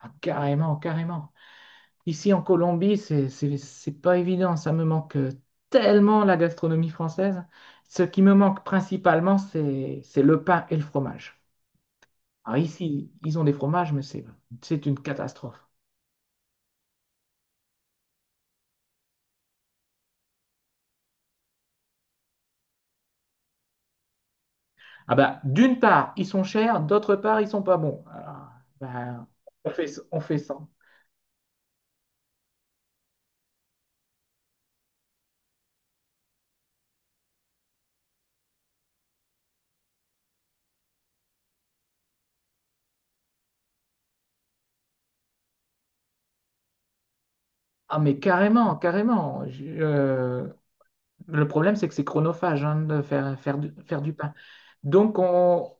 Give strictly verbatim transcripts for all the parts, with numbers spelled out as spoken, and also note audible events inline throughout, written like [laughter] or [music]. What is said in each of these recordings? Ah, carrément, carrément. Ici en Colombie, c'est c'est- c'est pas évident. Ça me manque euh, tellement la gastronomie française. Ce qui me manque principalement, c'est c'est le pain et le fromage. Alors ici, ils ont des fromages, mais c'est c'est une catastrophe. Ah bah, d'une part, ils sont chers, d'autre part, ils sont pas bons. Alors, ben, on fait, on fait ça. Ah mais carrément, carrément. Je- euh, le problème, c'est que c'est chronophage, hein, de faire, faire, du- faire du pain. Donc, on,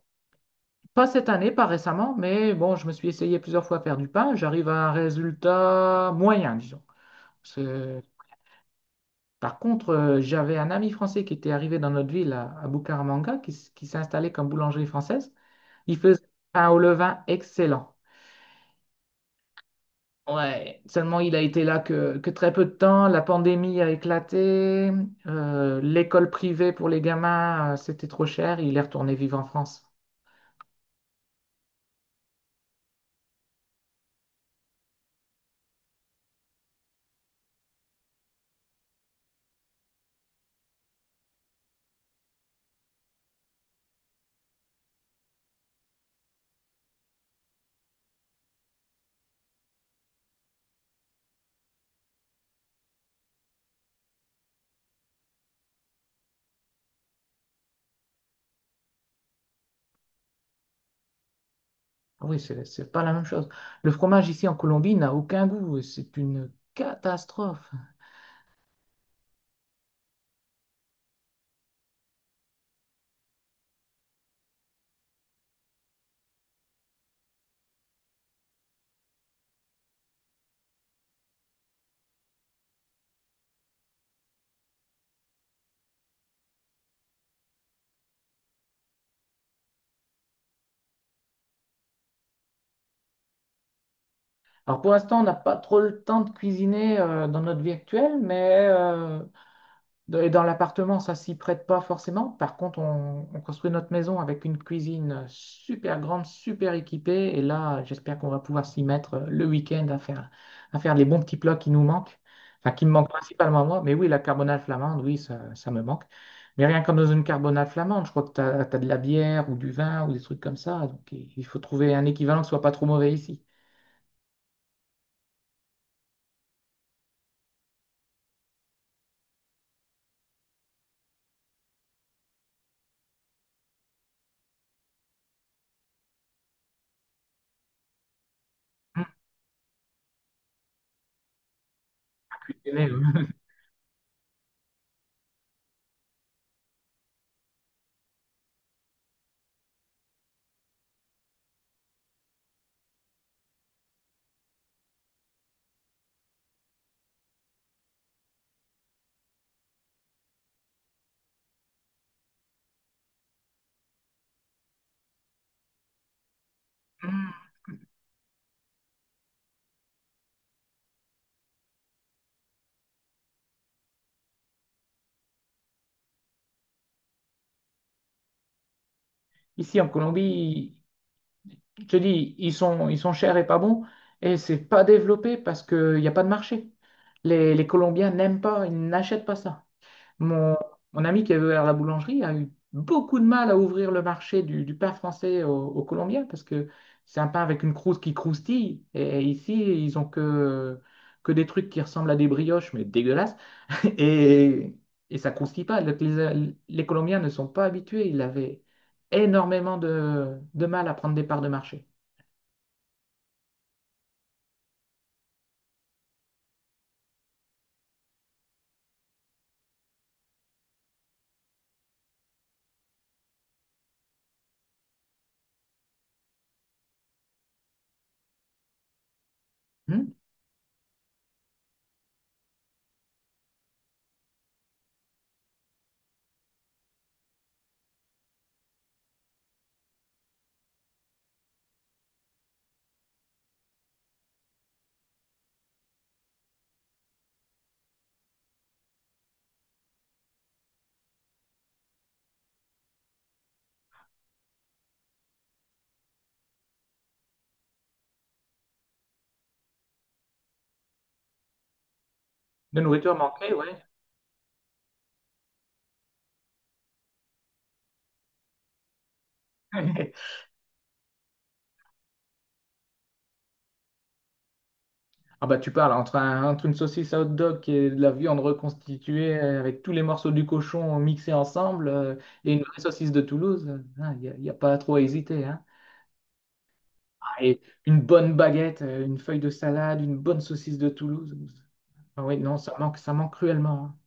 Pas cette année, pas récemment, mais bon, je me suis essayé plusieurs fois à faire du pain. J'arrive à un résultat moyen, disons. C'est- Par contre, euh, j'avais un ami français qui était arrivé dans notre ville à, à Bucaramanga, qui, s- qui s'est installé comme boulangerie française. Il faisait un pain au levain excellent. Ouais, seulement il a été là que, que très peu de temps. La pandémie a éclaté. euh, l'école privée pour les gamins, euh, c'était trop cher. Il est retourné vivre en France. Oui, c'est c'est pas la même chose. Le fromage ici en Colombie n'a aucun goût. C'est une catastrophe. Alors pour l'instant, on n'a pas trop le temps de cuisiner euh, dans notre vie actuelle, mais euh, et dans l'appartement, ça s'y prête pas forcément. Par contre, on, on construit notre maison avec une cuisine super grande, super équipée. Et là, j'espère qu'on va pouvoir s'y mettre euh, le week-end à faire, à faire les bons petits plats qui nous manquent. Enfin, qui me manquent principalement à moi. Mais oui, la carbonade flamande, oui, ça, ça me manque. Mais rien comme dans une carbonade flamande, je crois que tu as, de la bière ou du vin ou des trucs comme ça. Donc, il il faut trouver un équivalent qui soit pas trop mauvais ici. Hum, putain, euh, [laughs] Ici, en Colombie, je te dis, ils sont, ils sont chers et pas bons, et c'est pas développé parce qu'il n'y a pas de marché. Les, les Colombiens n'aiment pas, ils n'achètent pas ça. Mon, mon ami qui est vers la boulangerie a eu beaucoup de mal à ouvrir le marché du, du pain français aux, aux Colombiens parce que c'est un pain avec une croûte qui croustille, et ici, ils ont que, que des trucs qui ressemblent à des brioches, mais dégueulasses. Et, et ça croustille pas. Donc, les, les Colombiens ne sont pas habitués. Ils avaient énormément de, de mal à prendre des parts de marché. Hmm, de nourriture manquée, ouais. [laughs] Ah bah tu parles entre, un- entre une saucisse à hot dog qui est de la viande reconstituée euh, avec tous les morceaux du cochon mixés ensemble, euh, et une vraie saucisse de Toulouse, il n'y a, y a pas trop à hésiter, hein. Et une bonne baguette, euh, une feuille de salade, une bonne saucisse de Toulouse. Ah oui, non, ça manque, ça manque cruellement, hein.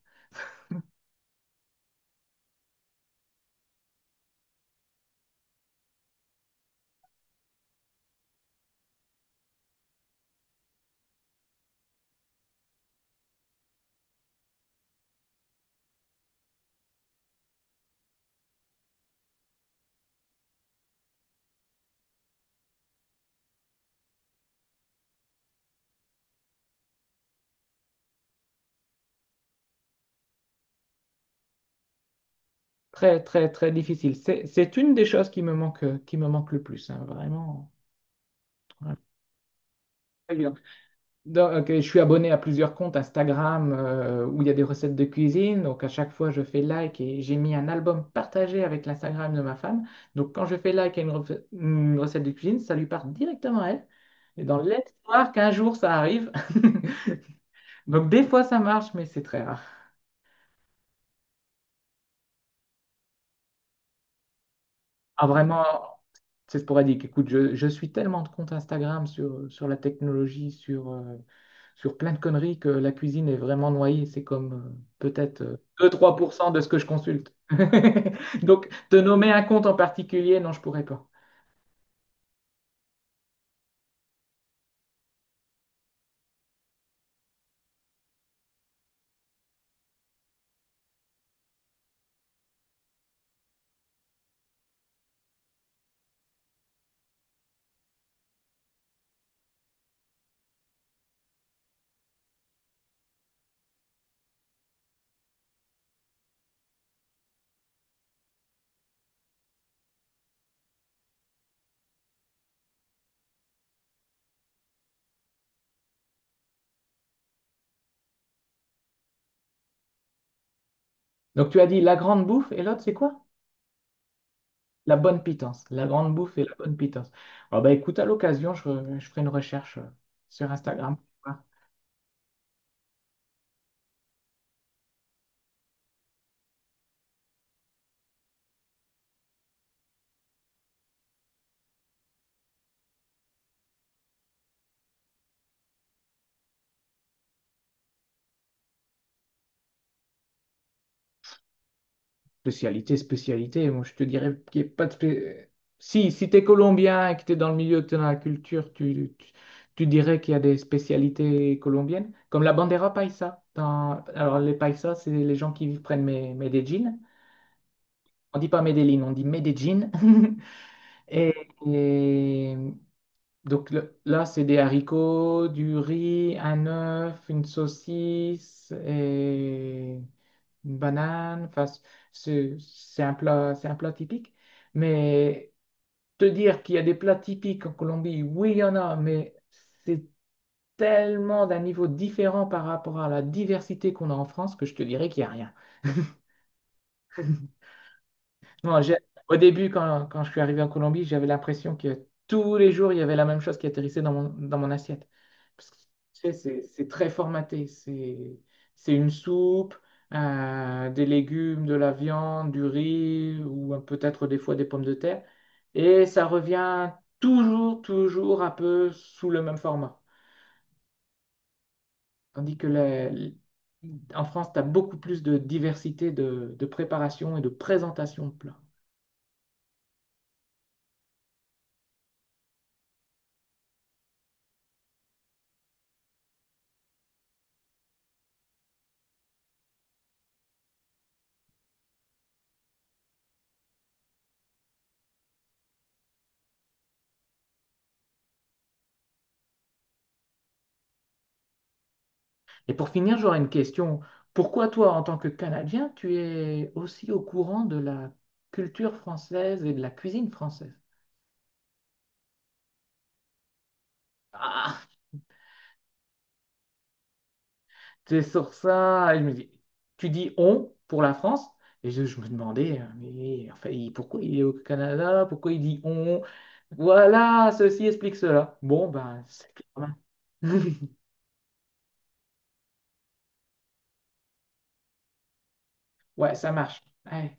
Très, très, très difficile. C'est, c'est une des choses qui me manque, euh, qui me manque le plus, hein, vraiment. Vraiment pas évident. Donc, ok, je suis abonné à plusieurs comptes Instagram euh, où il y a des recettes de cuisine. Donc, à chaque fois, je fais like et j'ai mis un album partagé avec l'Instagram de ma femme. Donc, quand je fais like à une, refe- une recette de cuisine, ça lui part directement à elle. Et dans l'espoir qu'un jour, ça arrive. [laughs] Donc des fois ça marche, mais c'est très rare. Ah, vraiment, c'est sporadique. Écoute, je, je suis tellement de comptes Instagram sur, sur la technologie, sur, euh, sur plein de conneries que la cuisine est vraiment noyée. C'est comme euh, peut-être euh, deux-trois pour cent de ce que je consulte. [laughs] Donc te nommer un compte en particulier, non, je pourrais pas. Donc tu as dit La Grande Bouffe et l'autre c'est quoi? La Bonne Pitance. La Grande Bouffe et La Bonne Pitance. Ah bah écoute, à l'occasion, je, je ferai une recherche euh, sur Instagram. Spécialité, spécialité. Moi, je te dirais qu'il n'y a pas de... spé- Si, si tu es colombien et que tu es dans le milieu, que tu es dans la culture, tu, tu, tu dirais qu'il y a des spécialités colombiennes, comme la bandera paisa. Dans- Alors, les paisas, c'est les gens qui prennent mes Medellín. On dit pas Medellín, on dit Medellín. [laughs] Et, et donc le- là, c'est des haricots, du riz, un œuf, une saucisse. Et une banane. Enfin, c- c'est c'est un plat, c'est un plat typique. Mais te dire qu'il y a des plats typiques en Colombie, oui, il y en a, mais c'est tellement d'un niveau différent par rapport à la diversité qu'on a en France que je te dirais qu'il n'y a rien. Non, j'ai- au début, quand, quand je suis arrivé en Colombie, j'avais l'impression que tous les jours, il y avait la même chose qui atterrissait dans mon, dans mon assiette. Parce que, tu sais, c'est c'est très formaté. C'est c'est une soupe, euh, des légumes, de la viande, du riz ou euh, peut-être des fois des pommes de terre. Et ça revient toujours, toujours un peu sous le même format. Tandis que la- en France, tu as beaucoup plus de diversité de, de préparation et de présentation de plats. Et pour finir, j'aurais une question. Pourquoi toi, en tant que Canadien, tu es aussi au courant de la culture française et de la cuisine française? Ah, c'est sur ça. Et je me dis, tu dis on pour la France. Et je, je me demandais, euh, mais enfin, il- pourquoi il est au Canada? Pourquoi il dit on? Voilà, ceci explique cela. Bon, ben, c'est quand. [laughs] Ouais, ça marche. Ouais.